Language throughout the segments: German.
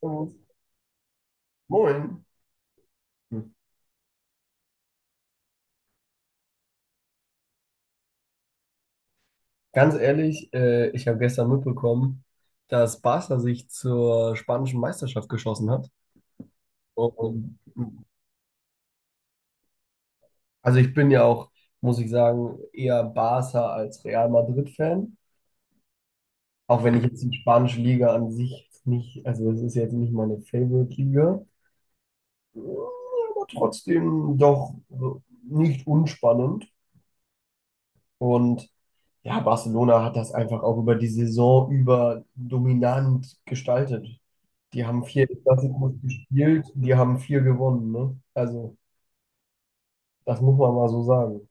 So, Moin. Ganz ehrlich, ich habe gestern mitbekommen, dass Barca sich zur spanischen Meisterschaft geschossen hat. Und, also ich bin ja auch, muss ich sagen, eher Barca als Real Madrid-Fan. Auch wenn ich jetzt die spanische Liga an sich jetzt nicht, also es ist jetzt nicht meine Favorite-Liga, ja, aber trotzdem doch nicht unspannend. Und ja, Barcelona hat das einfach auch über die Saison über dominant gestaltet. Die haben vier Klassiker gespielt, die haben vier gewonnen, ne? Also, das muss man mal so sagen.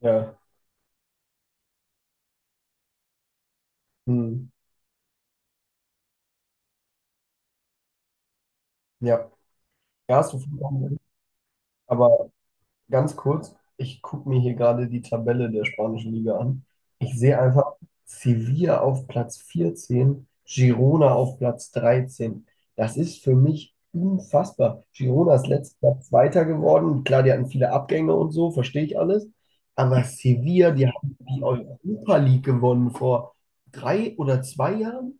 Ja. Hm. Ja. Ja, hast du vollkommen recht. Aber ganz kurz, ich gucke mir hier gerade die Tabelle der spanischen Liga an. Ich sehe einfach Sevilla auf Platz 14, Girona auf Platz 13. Das ist für mich unfassbar. Girona ist letztes Jahr Zweiter geworden. Klar, die hatten viele Abgänge und so, verstehe ich alles. Aber Sevilla, die haben die Europa League gewonnen vor drei oder zwei Jahren.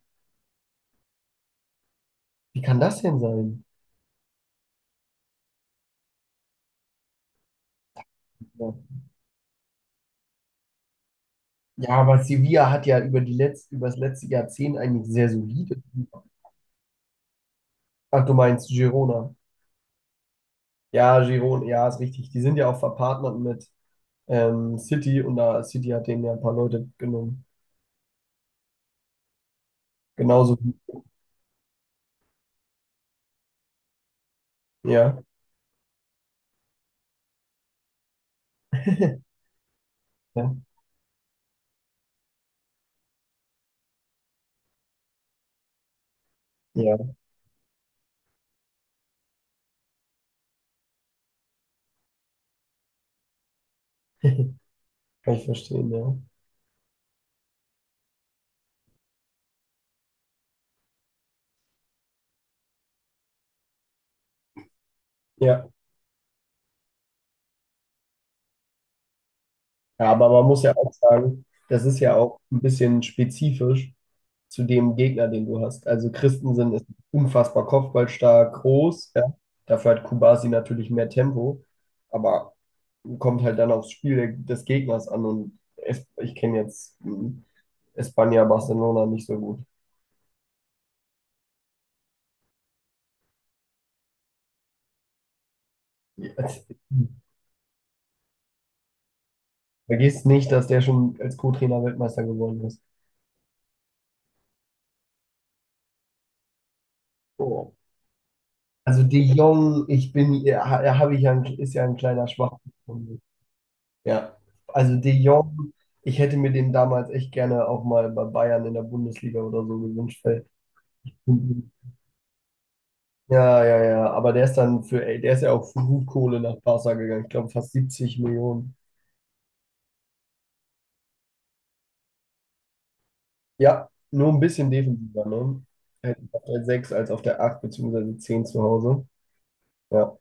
Wie kann das denn sein? Ja, aber Sevilla hat ja über die letzt, über das letzte Jahrzehnt eigentlich sehr solide. Ach, du meinst Girona. Ja, Girona, ja, ist richtig. Die sind ja auch verpartnert mit City und da City hat denen ja ein paar Leute genommen. Genauso wie, ja. Ja, ja. Kann ich verstehen, ja. Ja. Ja, aber man muss ja auch sagen, das ist ja auch ein bisschen spezifisch zu dem Gegner, den du hast. Also Christensen ist unfassbar kopfballstark, groß, ja. Dafür hat Kubasi natürlich mehr Tempo, aber kommt halt dann aufs Spiel des Gegners an und es, ich kenne jetzt Espanja, Barcelona nicht so gut. Ja. Vergiss nicht, dass der schon als Co-Trainer Weltmeister geworden ist. Oh. Also De Jong, ich bin, ja, habe ich ja, ein, ist ja ein kleiner Schwachpunkt. Ja, also De Jong, ich hätte mir den damals echt gerne auch mal bei Bayern in der Bundesliga oder so gewünscht, weil- Ja, aber der ist dann für, ey, der ist ja auch für gut Kohle nach Barca gegangen. Ich glaube fast 70 Millionen. Ja, nur ein bisschen defensiver, ne? Hätte ich auf der 6 als auf der acht beziehungsweise zehn zu Hause. Ja.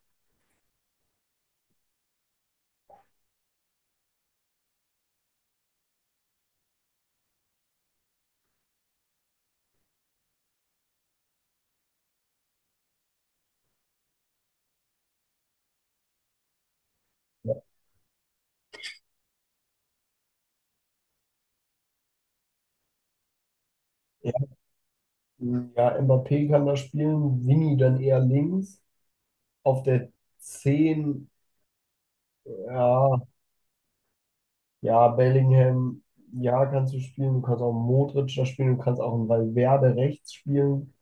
Ja, ja, ja, Mbappé kann da spielen, Vini dann eher links. Auf der zehn, ja, ja, Bellingham, ja, kannst du spielen. Du kannst auch einen Modric da spielen. Du kannst auch einen Valverde rechts spielen.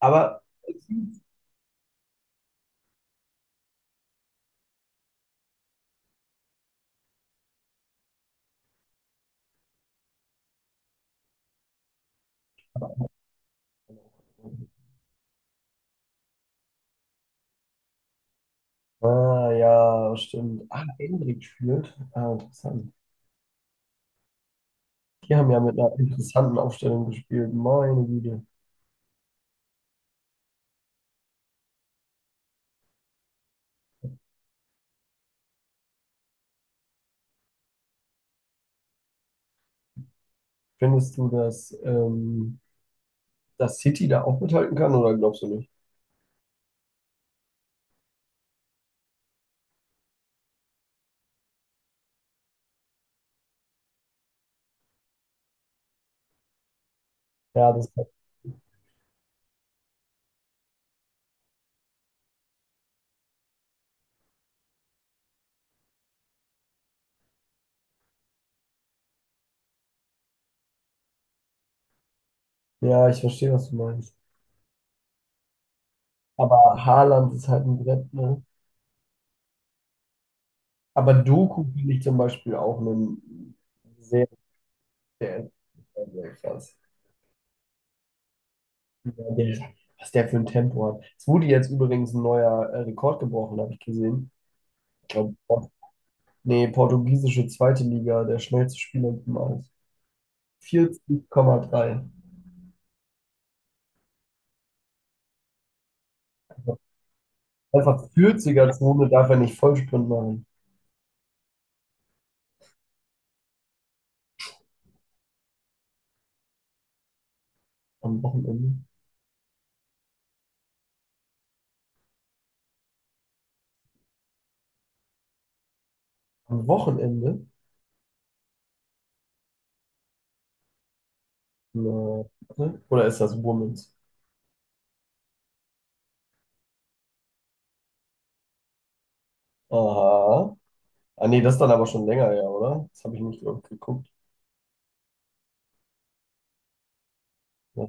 Aber, ah, ja, stimmt. Ah, Endrick spielt. Ah, interessant. Die haben ja mit einer interessanten Aufstellung gespielt. Meine Güte. Findest du, dass, dass City da auch mithalten kann oder glaubst du nicht? Ja, das, ja, ich verstehe, was du meinst. Aber Haaland ist halt ein Brett, ne? Aber Doku finde ich zum Beispiel auch einen sehr, der, also krass. Ja, der, was der für ein Tempo hat. Es wurde jetzt übrigens ein neuer Rekord gebrochen, habe ich gesehen. Ich glaube, portugiesische zweite Liga, der schnellste Spieler im Aus. 40,3. Einfach 40er-Zone darf er nicht Vollsprint machen. Am Wochenende. Am Wochenende? Na, warte, oder ist das Womens? Aha. Ah, nee, das ist dann aber schon länger, ja, oder? Das habe ich nicht geguckt. Ja.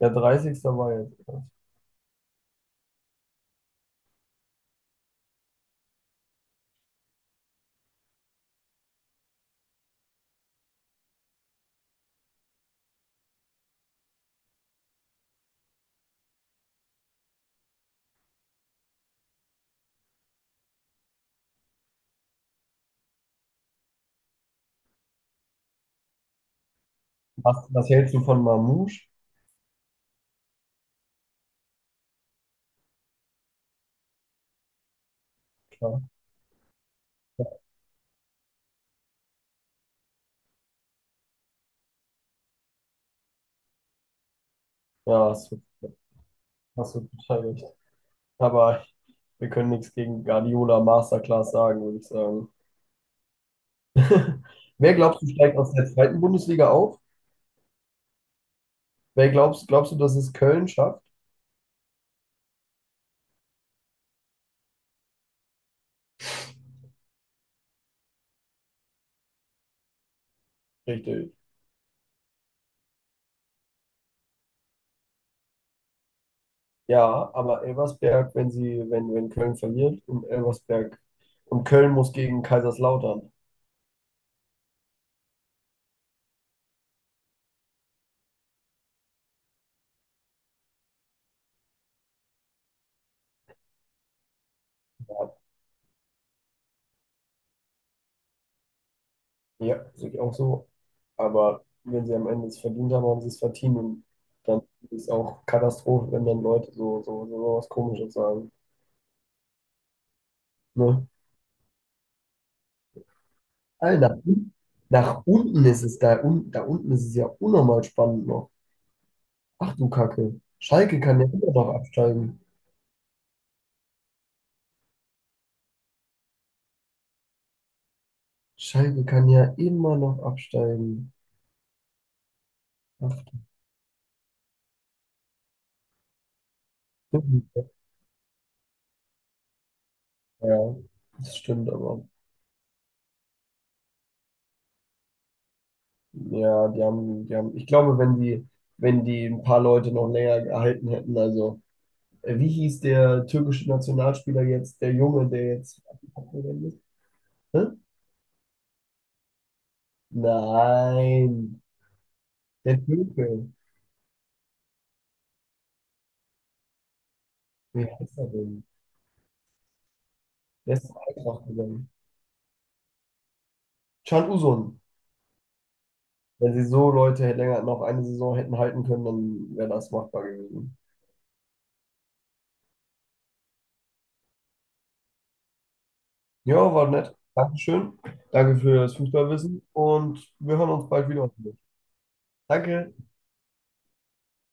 Der 30. war jetzt. Was, was hältst du von Mamouche? Klar. Ja, hast du total recht. Aber wir können nichts gegen Guardiola Masterclass sagen, würde ich sagen. Wer glaubst du steigt aus der zweiten Bundesliga auf? Wer glaubst du, dass es Köln schafft? Richtig. Ja, aber Elversberg, wenn sie, wenn Köln verliert und Elversberg und Köln muss gegen Kaiserslautern. Ja, ja, sehe ich auch so. Aber wenn sie am Ende es verdient haben, haben sie es verdient. Und dann ist es auch Katastrophe, wenn dann Leute so was Komisches sagen. Ne? Alter, nach unten ist es da, un, da unten ist es ja unnormal spannend noch. Ach du Kacke. Schalke kann ja immer noch absteigen. Schalke kann ja immer noch absteigen. Ach du Kacke. Ja, das stimmt aber. Ja, die haben, ich glaube, wenn wenn die ein paar Leute noch länger gehalten hätten, also, wie hieß der türkische Nationalspieler jetzt, der Junge, der jetzt abgekommen ist? Hä? Nein, der Türke. Wie heißt er denn? Wer ist denn Eintracht gegangen? Chan Uzun. Wenn sie so Leute hätte- länger noch eine Saison hätten halten können, dann wäre das machbar gewesen. Ja, war nett. Dankeschön. Danke für das Fußballwissen und wir hören uns bald wieder. Danke.